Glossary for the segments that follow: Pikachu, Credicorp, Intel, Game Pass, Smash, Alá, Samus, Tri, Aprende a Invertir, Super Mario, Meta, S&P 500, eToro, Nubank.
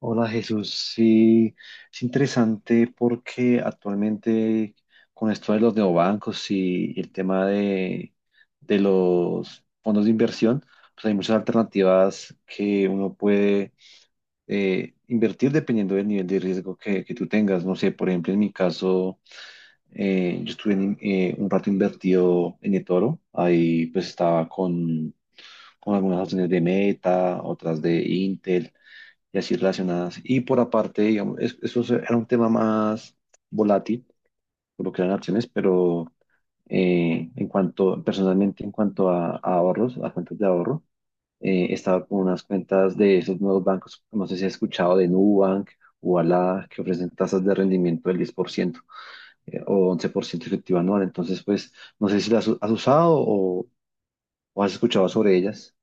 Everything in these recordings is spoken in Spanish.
Hola Jesús, sí, es interesante porque actualmente con esto de los neobancos y el tema de los fondos de inversión, pues hay muchas alternativas que uno puede invertir dependiendo del nivel de riesgo que tú tengas. No sé, por ejemplo, en mi caso, yo estuve un rato invertido en eToro, ahí pues estaba con algunas acciones de Meta, otras de Intel y así relacionadas. Y por aparte, digamos, era un tema más volátil, por lo que eran acciones, pero en cuanto, personalmente, en cuanto a ahorros, a cuentas de ahorro, estaba con unas cuentas de esos nuevos bancos, no sé si has escuchado de Nubank o Alá, que ofrecen tasas de rendimiento del 10% o 11% efectivo anual. Entonces, pues, no sé si las has usado, o has escuchado sobre ellas.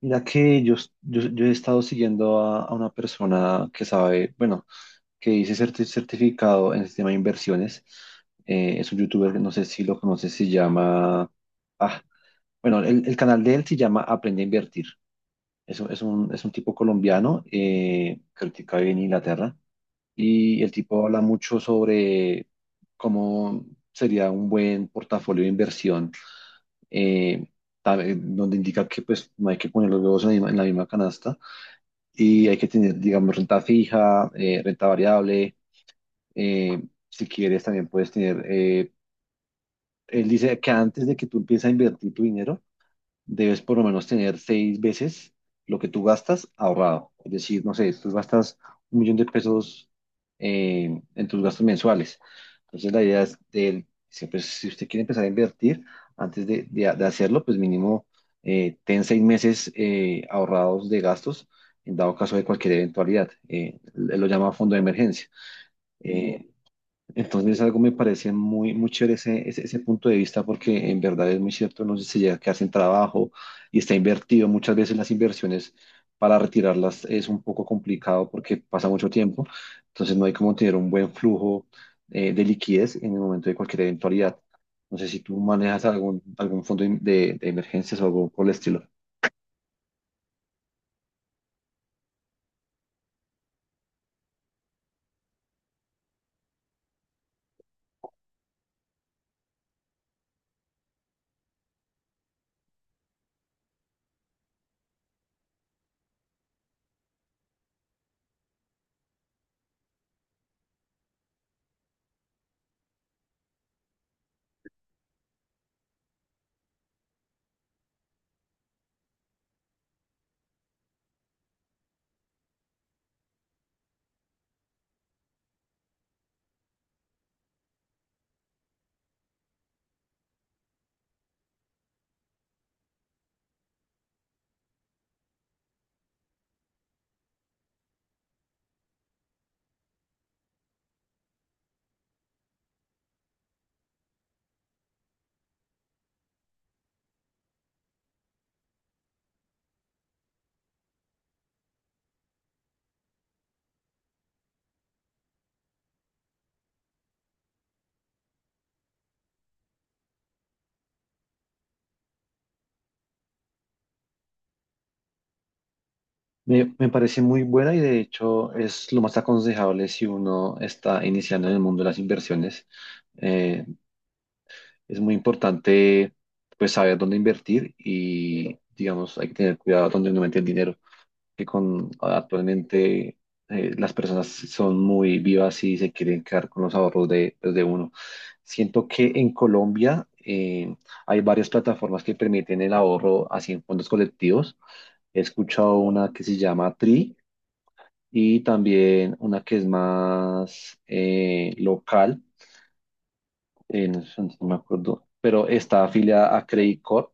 Mira que yo he estado siguiendo a una persona que sabe, bueno, que dice certificado en el sistema de inversiones. Es un youtuber, no sé si lo conoces, se llama... Ah, bueno, el canal de él se llama Aprende a Invertir. Es un tipo colombiano, creo que ahorita vive en Inglaterra, y el tipo habla mucho sobre cómo sería un buen portafolio de inversión, eh, donde indica que pues no hay que poner los huevos en la misma canasta y hay que tener, digamos, renta fija, renta variable eh, si quieres, también puedes tener. Él dice que antes de que tú empieces a invertir tu dinero, debes por lo menos tener 6 veces lo que tú gastas ahorrado. Es decir, no sé, tú gastas 1 millón de pesos en tus gastos mensuales. Entonces, la idea es de él, dice, pues, si usted quiere empezar a invertir, antes de hacerlo, pues mínimo ten 6 meses ahorrados de gastos en dado caso de cualquier eventualidad. Él lo llama fondo de emergencia. Eh, entonces, algo me parece muy, muy chévere ese, ese punto de vista, porque en verdad es muy cierto, no sé si llega a quedar sin trabajo y está invertido. Muchas veces las inversiones para retirarlas es un poco complicado porque pasa mucho tiempo. Entonces, no hay como tener un buen flujo de liquidez en el momento de cualquier eventualidad. No sé si tú manejas algún fondo de emergencias o algo por el estilo. Me parece muy buena y de hecho es lo más aconsejable si uno está iniciando en el mundo de las inversiones. Eh, es muy importante pues saber dónde invertir y digamos hay que tener cuidado dónde uno mete el dinero, que con actualmente las personas son muy vivas y se quieren quedar con los ahorros de, pues, de uno. Siento que en Colombia hay varias plataformas que permiten el ahorro así en fondos colectivos. He escuchado una que se llama Tri y también una que es más local, no sé, no me acuerdo, pero está afiliada a Credit Corp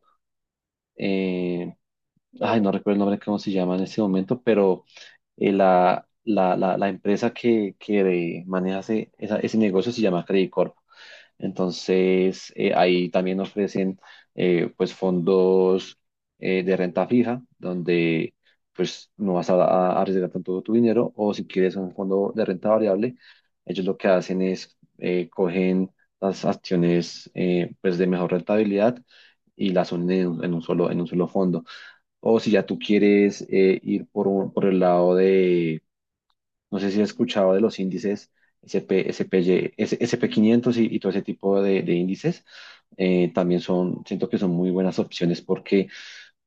eh, ay, no recuerdo el nombre, cómo se llama en este momento, pero la empresa que maneja ese negocio se llama Credicorp. Entonces, ahí también ofrecen pues fondos de renta fija, donde pues no vas a arriesgar tanto tu dinero, o si quieres un fondo de renta variable, ellos lo que hacen es cogen las acciones pues de mejor rentabilidad y las unen en un solo, en un solo fondo. O si ya tú quieres ir por el lado de, no sé si has escuchado de los índices S P S- P Y, S SP500 y todo ese tipo de índices, siento que son muy buenas opciones porque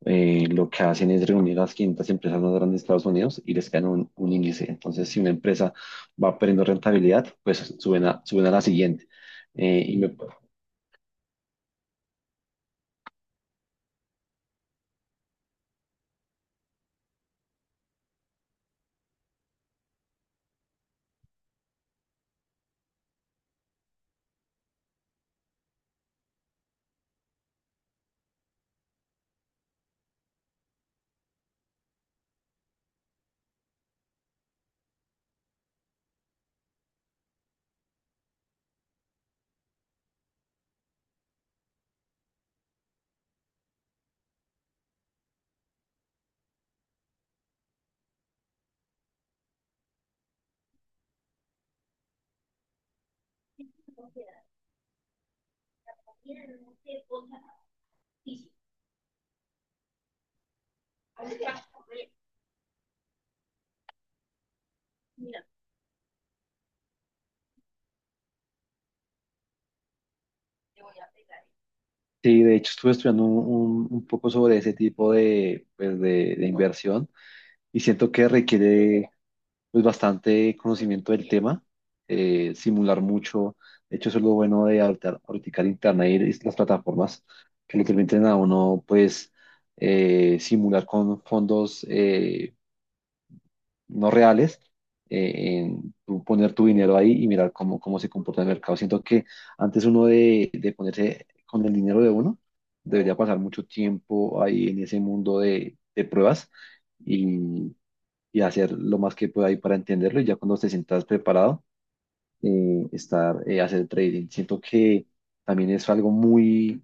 lo que hacen es reunir las 500 empresas más grandes de Estados Unidos y les crean un índice. Entonces, si una empresa va perdiendo rentabilidad, pues suben suben a la siguiente. Eh, y me- sí, de hecho estuve estudiando un poco sobre ese tipo de, pues, de inversión y siento que requiere pues bastante conocimiento del tema, simular mucho. De hecho, eso es lo bueno ahorita el internet y las plataformas que le permiten a uno pues simular con fondos no reales, en tú poner tu dinero ahí y mirar cómo se comporta el mercado. Siento que antes uno de ponerse con el dinero de uno, debería pasar mucho tiempo ahí en ese mundo de pruebas. Y y hacer lo más que pueda ahí para entenderlo y ya cuando te sientas preparado, hacer trading. Siento que también es algo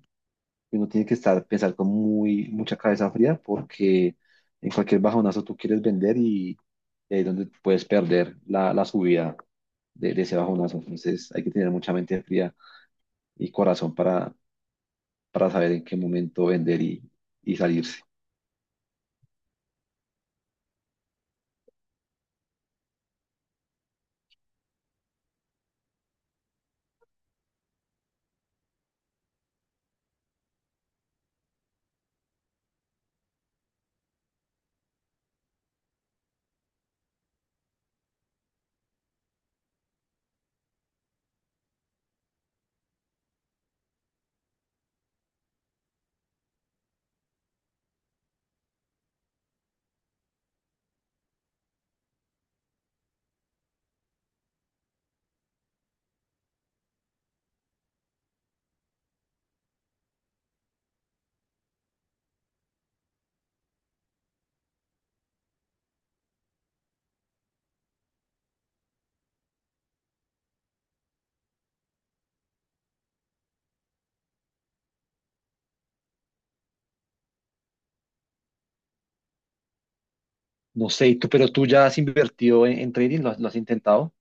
uno tiene que pensar con mucha cabeza fría porque en cualquier bajonazo tú quieres vender, y ahí es donde puedes perder la subida de ese bajonazo. Entonces hay que tener mucha mente fría y corazón para saber en qué momento vender, y salirse. No sé, ¿y tú, pero tú ya has invertido en trading? ¿Lo has intentado?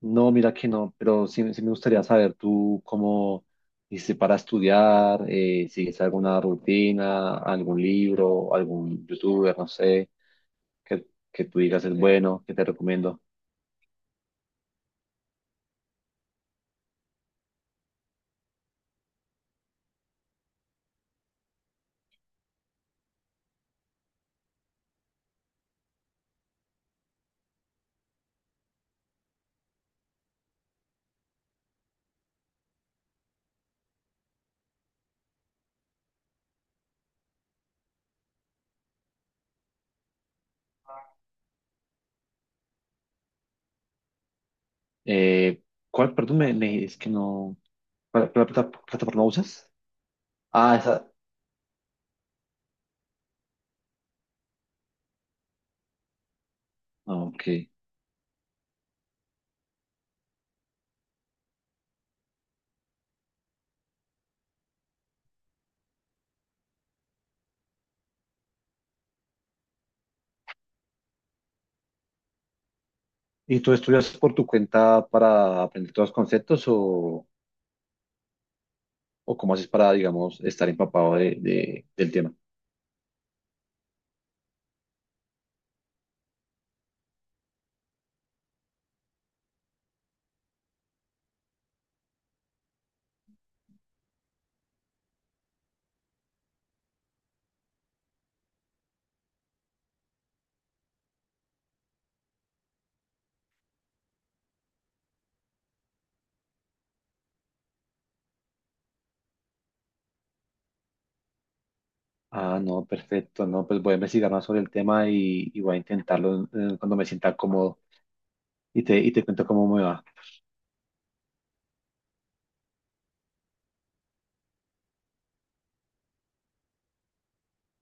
No, mira que no, pero sí, sí me gustaría saber tú cómo hiciste para estudiar, sigues alguna rutina, algún libro, algún youtuber, no sé, que, que tú digas es bueno, que te recomiendo. Eh, ¿Cuál, perdón, es que no, plataforma usas? Ah, esa, ah, ok. ¿Y tú estudias por tu cuenta para aprender todos los conceptos o cómo haces para, digamos, estar empapado del tema? Ah, no, perfecto, no, pues voy a investigar más sobre el tema y voy a intentarlo cuando me sienta cómodo y te cuento cómo me va.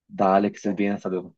Dale, que estés bien, hasta luego.